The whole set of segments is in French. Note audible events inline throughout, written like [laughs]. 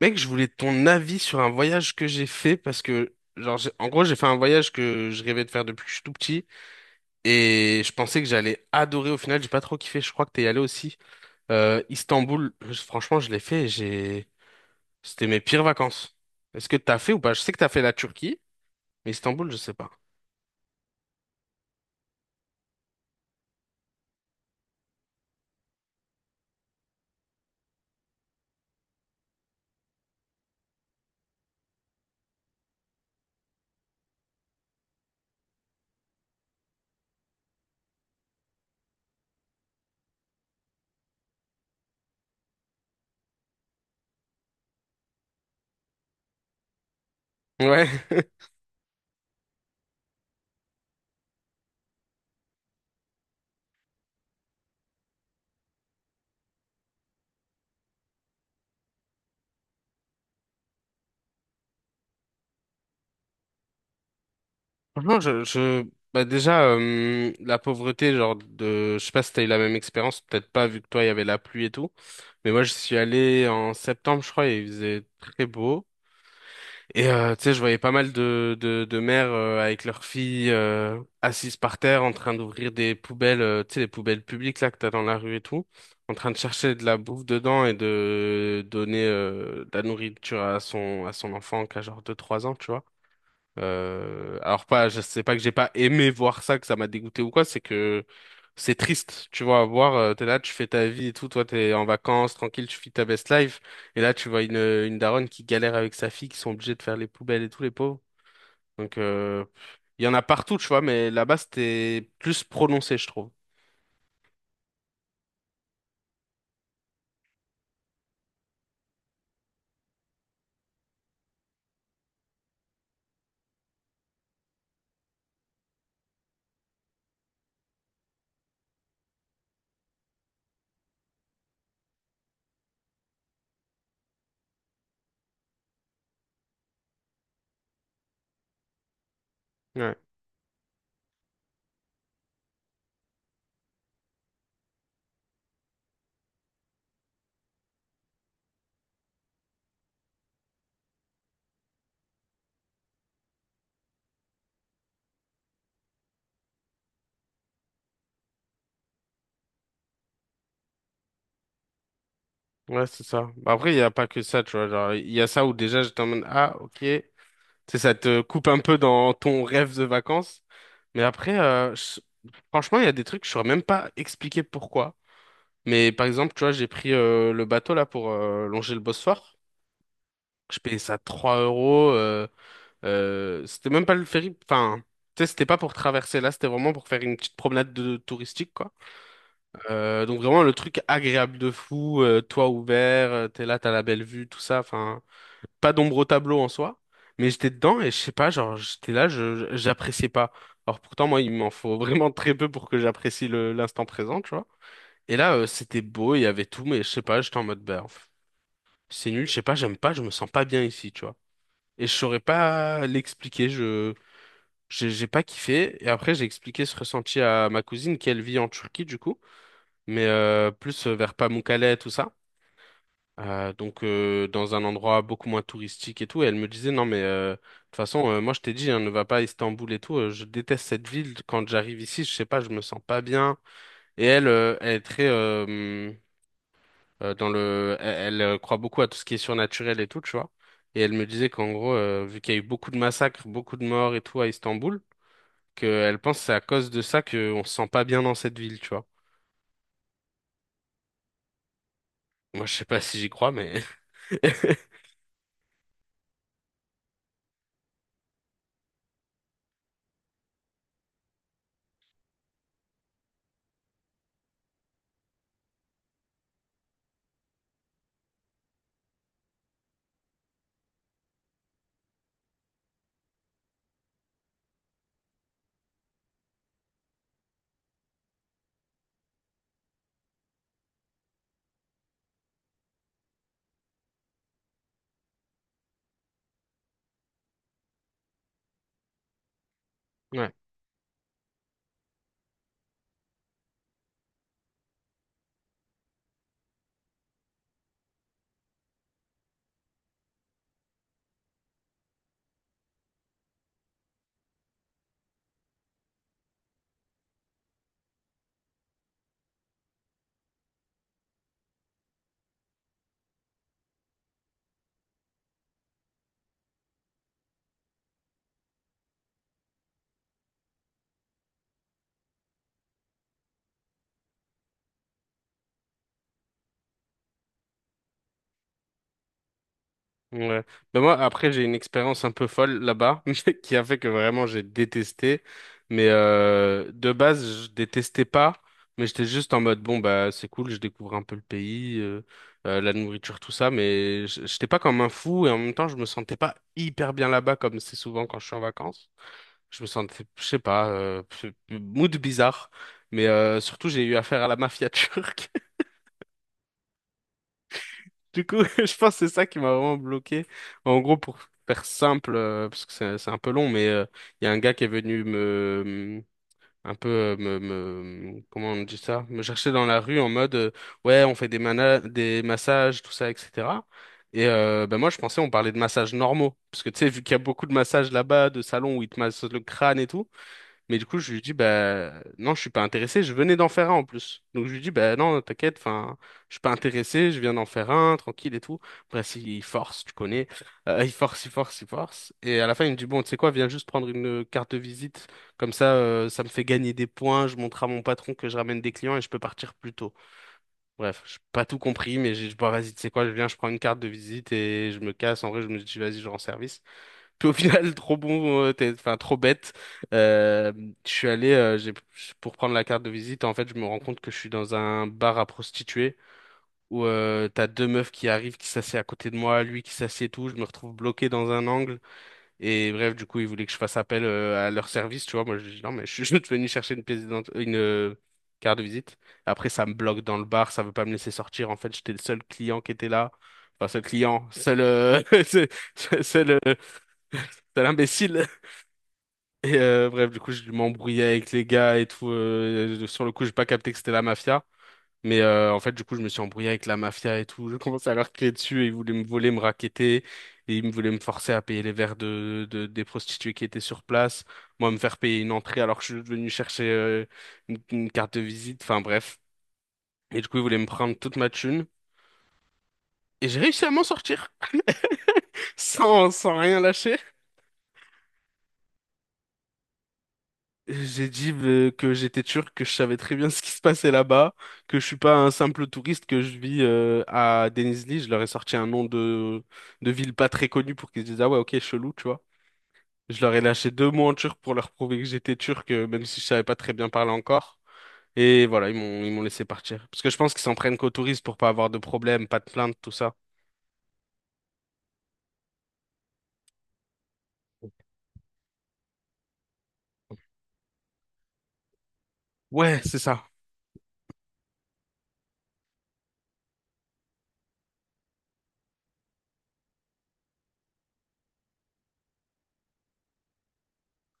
Mec, je voulais ton avis sur un voyage que j'ai fait parce que, genre, en gros, j'ai fait un voyage que je rêvais de faire depuis que je suis tout petit et je pensais que j'allais adorer. Au final, j'ai pas trop kiffé. Je crois que t'es allé aussi. Istanbul, franchement, je l'ai fait. J'ai, c'était mes pires vacances. Est-ce que t'as fait ou pas? Je sais que t'as fait la Turquie, mais Istanbul, je sais pas. Ouais. [laughs] Franchement, bah déjà, la pauvreté, je sais pas si t'as eu la même expérience, peut-être pas, vu que toi, il y avait la pluie et tout. Mais moi, je suis allé en septembre, je crois, et il faisait très beau. Et, tu sais, je voyais pas mal de mères, avec leurs filles, assises par terre, en train d'ouvrir des poubelles, tu sais, les poubelles publiques, là, que t'as dans la rue et tout, en train de chercher de la bouffe dedans et de donner, de la nourriture à son enfant, qui a genre deux trois ans, tu vois. Alors pas, je sais pas que j'ai pas aimé voir ça, que ça m'a dégoûté ou quoi, c'est que c'est triste, tu vois, à voir, t'es là, tu fais ta vie et tout, toi t'es en vacances, tranquille, tu vis ta best life, et là tu vois une daronne qui galère avec sa fille, qui sont obligés de faire les poubelles et tout, les pauvres. Donc euh, il y en a partout, tu vois, mais là-bas c'était plus prononcé, je trouve. Ouais, ouais, c'est ça. Bah, après, il y a pas que ça, tu vois, genre, il y a ça où déjà j'étais en mode, ah, ok. Tu sais, ça te coupe un peu dans ton rêve de vacances. Mais après, franchement, il y a des trucs que je saurais même pas expliquer pourquoi. Mais par exemple, tu vois, j'ai pris le bateau là pour longer le Bosphore. Je payais ça 3 euros. C'était même pas le ferry. Enfin, tu sais, c'était pas pour traverser là, c'était vraiment pour faire une petite promenade de, touristique, quoi. Donc vraiment le truc agréable de fou, toit ouvert, t'es là, t'as la belle vue, tout ça. Enfin, pas d'ombre au tableau en soi, mais j'étais dedans et je sais pas, genre j'étais là, j'appréciais pas. Alors pourtant moi il m'en faut [laughs] vraiment très peu pour que j'apprécie le l'instant présent, tu vois. Et là c'était beau, il y avait tout, mais je sais pas, j'étais en mode bah pff, c'est nul, je sais pas, j'aime pas, je me sens pas bien ici, tu vois. Et je saurais pas l'expliquer, je j'ai pas kiffé. Et après j'ai expliqué ce ressenti à ma cousine qui elle vit en Turquie du coup, mais plus vers Pamukkale tout ça. Dans un endroit beaucoup moins touristique et tout. Et elle me disait, non mais de toute façon, moi je t'ai dit, hein, ne va pas à Istanbul et tout. Je déteste cette ville. Quand j'arrive ici, je sais pas, je me sens pas bien. Et elle, elle est très dans le, elle croit beaucoup à tout ce qui est surnaturel et tout, tu vois. Et elle me disait qu'en gros, vu qu'il y a eu beaucoup de massacres, beaucoup de morts et tout à Istanbul, qu'elle pense que c'est à cause de ça qu'on se sent pas bien dans cette ville, tu vois. Moi je sais pas si j'y crois, mais [laughs] ouais. Ouais. Ben moi, après, j'ai une expérience un peu folle là-bas, [laughs] mais qui a fait que vraiment j'ai détesté. Mais de base, je détestais pas, mais j'étais juste en mode, bon, bah, c'est cool, je découvre un peu le pays, la nourriture, tout ça, mais j'étais pas comme un fou et en même temps, je me sentais pas hyper bien là-bas, comme c'est souvent quand je suis en vacances. Je me sentais, je sais pas, mood bizarre, mais surtout, j'ai eu affaire à la mafia [laughs] turque. Du coup, [laughs] je pense que c'est ça qui m'a vraiment bloqué. En gros, pour faire simple, parce que c'est un peu long, mais il y a un gars qui est venu me mm, un peu comment on dit ça? Me chercher dans la rue en mode ouais, on fait des massages, tout ça, etc. Et ben moi, je pensais on parlait de massages normaux, parce que tu sais, vu qu'il y a beaucoup de massages là-bas, de salons où ils te massent le crâne et tout. Mais du coup, je lui dis, bah, non, je suis pas intéressé, je venais d'en faire un en plus. Donc, je lui dis, bah, non, t'inquiète, enfin, je suis pas intéressé, je viens d'en faire un, tranquille et tout. Bref, il force, tu connais. Il force, il force, il force. Et à la fin, il me dit, bon, tu sais quoi, viens juste prendre une carte de visite. Comme ça, ça me fait gagner des points, je montre à mon patron que je ramène des clients et je peux partir plus tôt. Bref, j'ai pas tout compris, mais j'ai dit, bon, vas-y, tu sais quoi, je viens, je prends une carte de visite et je me casse. En vrai, je me dis, vas-y, je rends service. Puis au final, [laughs] trop bon, enfin trop bête. Euh, je suis allé, pour prendre la carte de visite, en fait, je me rends compte que je suis dans un bar à prostituées où t'as deux meufs qui arrivent, qui s'assiedent à côté de moi, lui qui s'assied et tout, je me retrouve bloqué dans un angle. Et bref, du coup, ils voulaient que je fasse appel à leur service, tu vois. Moi, je dis non, mais je [laughs] suis juste venu chercher une carte de visite. Après, ça me bloque dans le bar, ça veut pas me laisser sortir. En fait, j'étais le seul client qui était là. Enfin, seul client, [laughs] seul, seul, euh, seul imbécile et bref, du coup, je m'embrouillais avec les gars et tout. Sur le coup, j'ai pas capté que c'était la mafia. Mais en fait, du coup, je me suis embrouillé avec la mafia et tout. Je commençais à leur crier dessus et ils voulaient me voler, me racketter. Et ils me voulaient me forcer à payer les verres des prostituées qui étaient sur place. Moi, me faire payer une entrée alors que je suis venu chercher une carte de visite. Enfin, bref. Et du coup, ils voulaient me prendre toute ma thune. Et j'ai réussi à m'en sortir [laughs] sans rien lâcher. J'ai dit que j'étais turc, que je savais très bien [laughs] ce qui se passait là-bas, que je suis pas un simple touriste, que je vis à Denizli. Je leur ai sorti un nom de ville pas très connue pour qu'ils se disent ah ouais ok chelou tu vois. Je leur ai lâché deux mots en turc pour leur prouver que j'étais turc, même si je savais pas très bien parler encore. Et voilà ils m'ont laissé partir parce que je pense qu'ils s'en prennent qu'aux touristes pour pas avoir de problème, pas de plainte, tout ça. Ouais c'est ça.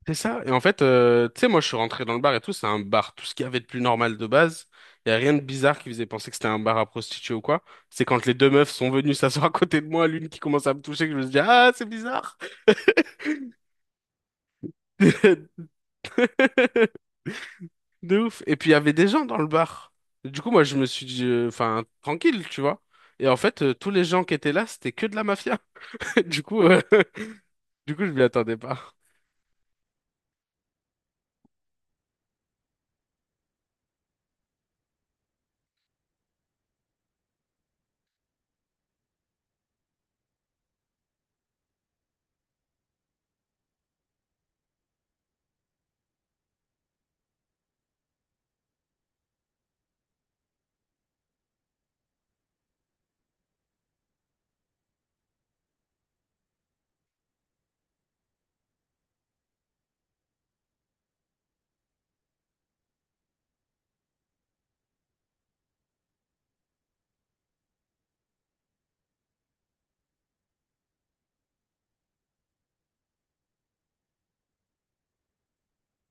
C'est ça. Et en fait, tu sais, moi, je suis rentré dans le bar et tout. C'est un bar. Tout ce qu'il y avait de plus normal de base. Il n'y a rien de bizarre qui faisait penser que c'était un bar à prostituées ou quoi. C'est quand les deux meufs sont venues s'asseoir à côté de moi, l'une qui commence à me toucher, que je me suis dit, ah, c'est bizarre. [laughs] De ouf. Et puis, il y avait des gens dans le bar. Du coup, moi, je me suis dit, enfin, tranquille, tu vois. Et en fait, tous les gens qui étaient là, c'était que de la mafia. [laughs] Du coup, euh, [laughs] du coup, je m'y attendais pas.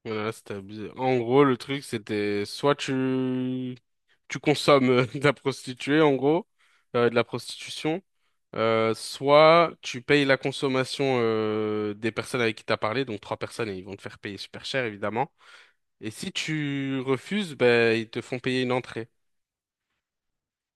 Voilà, c'était abusé. En gros, le truc, c'était soit tu consommes [laughs] de la prostituée en gros, de la prostitution, soit tu payes la consommation des personnes avec qui t'as parlé, donc trois personnes et ils vont te faire payer super cher évidemment. Et si tu refuses, ben ils te font payer une entrée.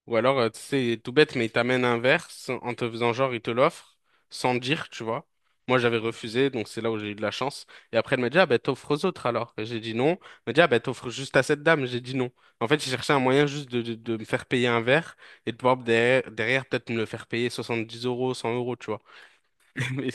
Ou alors, tu sais, tout bête, mais il t'amène un verre sans- en te faisant genre, il te l'offre sans dire, tu vois. Moi, j'avais refusé, donc c'est là où j'ai eu de la chance. Et après, elle m'a dit, ah ben, t'offres aux autres alors. Et j'ai dit non. Elle m'a dit, ah ben, t'offres juste à cette dame. J'ai dit non. En fait, j'ai cherché un moyen juste de me faire payer un verre et de pouvoir derrière peut-être me le faire payer soixante-dix euros, cent euros, tu vois. [laughs] Mais-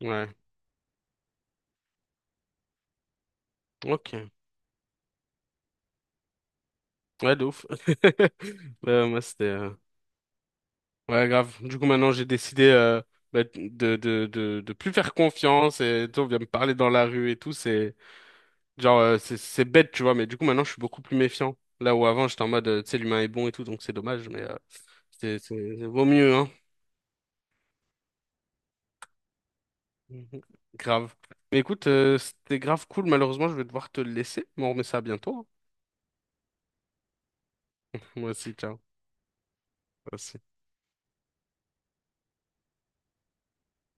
Ouais, ok. Ouais, de ouf. [laughs] Ouais, moi, c'était. Ouais, grave. Du coup, maintenant, j'ai décidé bah, de plus faire confiance et tout, on vient me parler dans la rue et tout. C'est genre, c'est bête, tu vois, mais du coup, maintenant, je suis beaucoup plus méfiant. Là où avant, j'étais en mode, tu sais, l'humain est bon et tout, donc c'est dommage, mais vaut mieux, hein. [laughs] Mhm. Grave. Mais écoute, c'était grave cool. Malheureusement, je vais devoir te laisser, mais on remet ça bientôt. Hein. Moi aussi, ciao. Merci.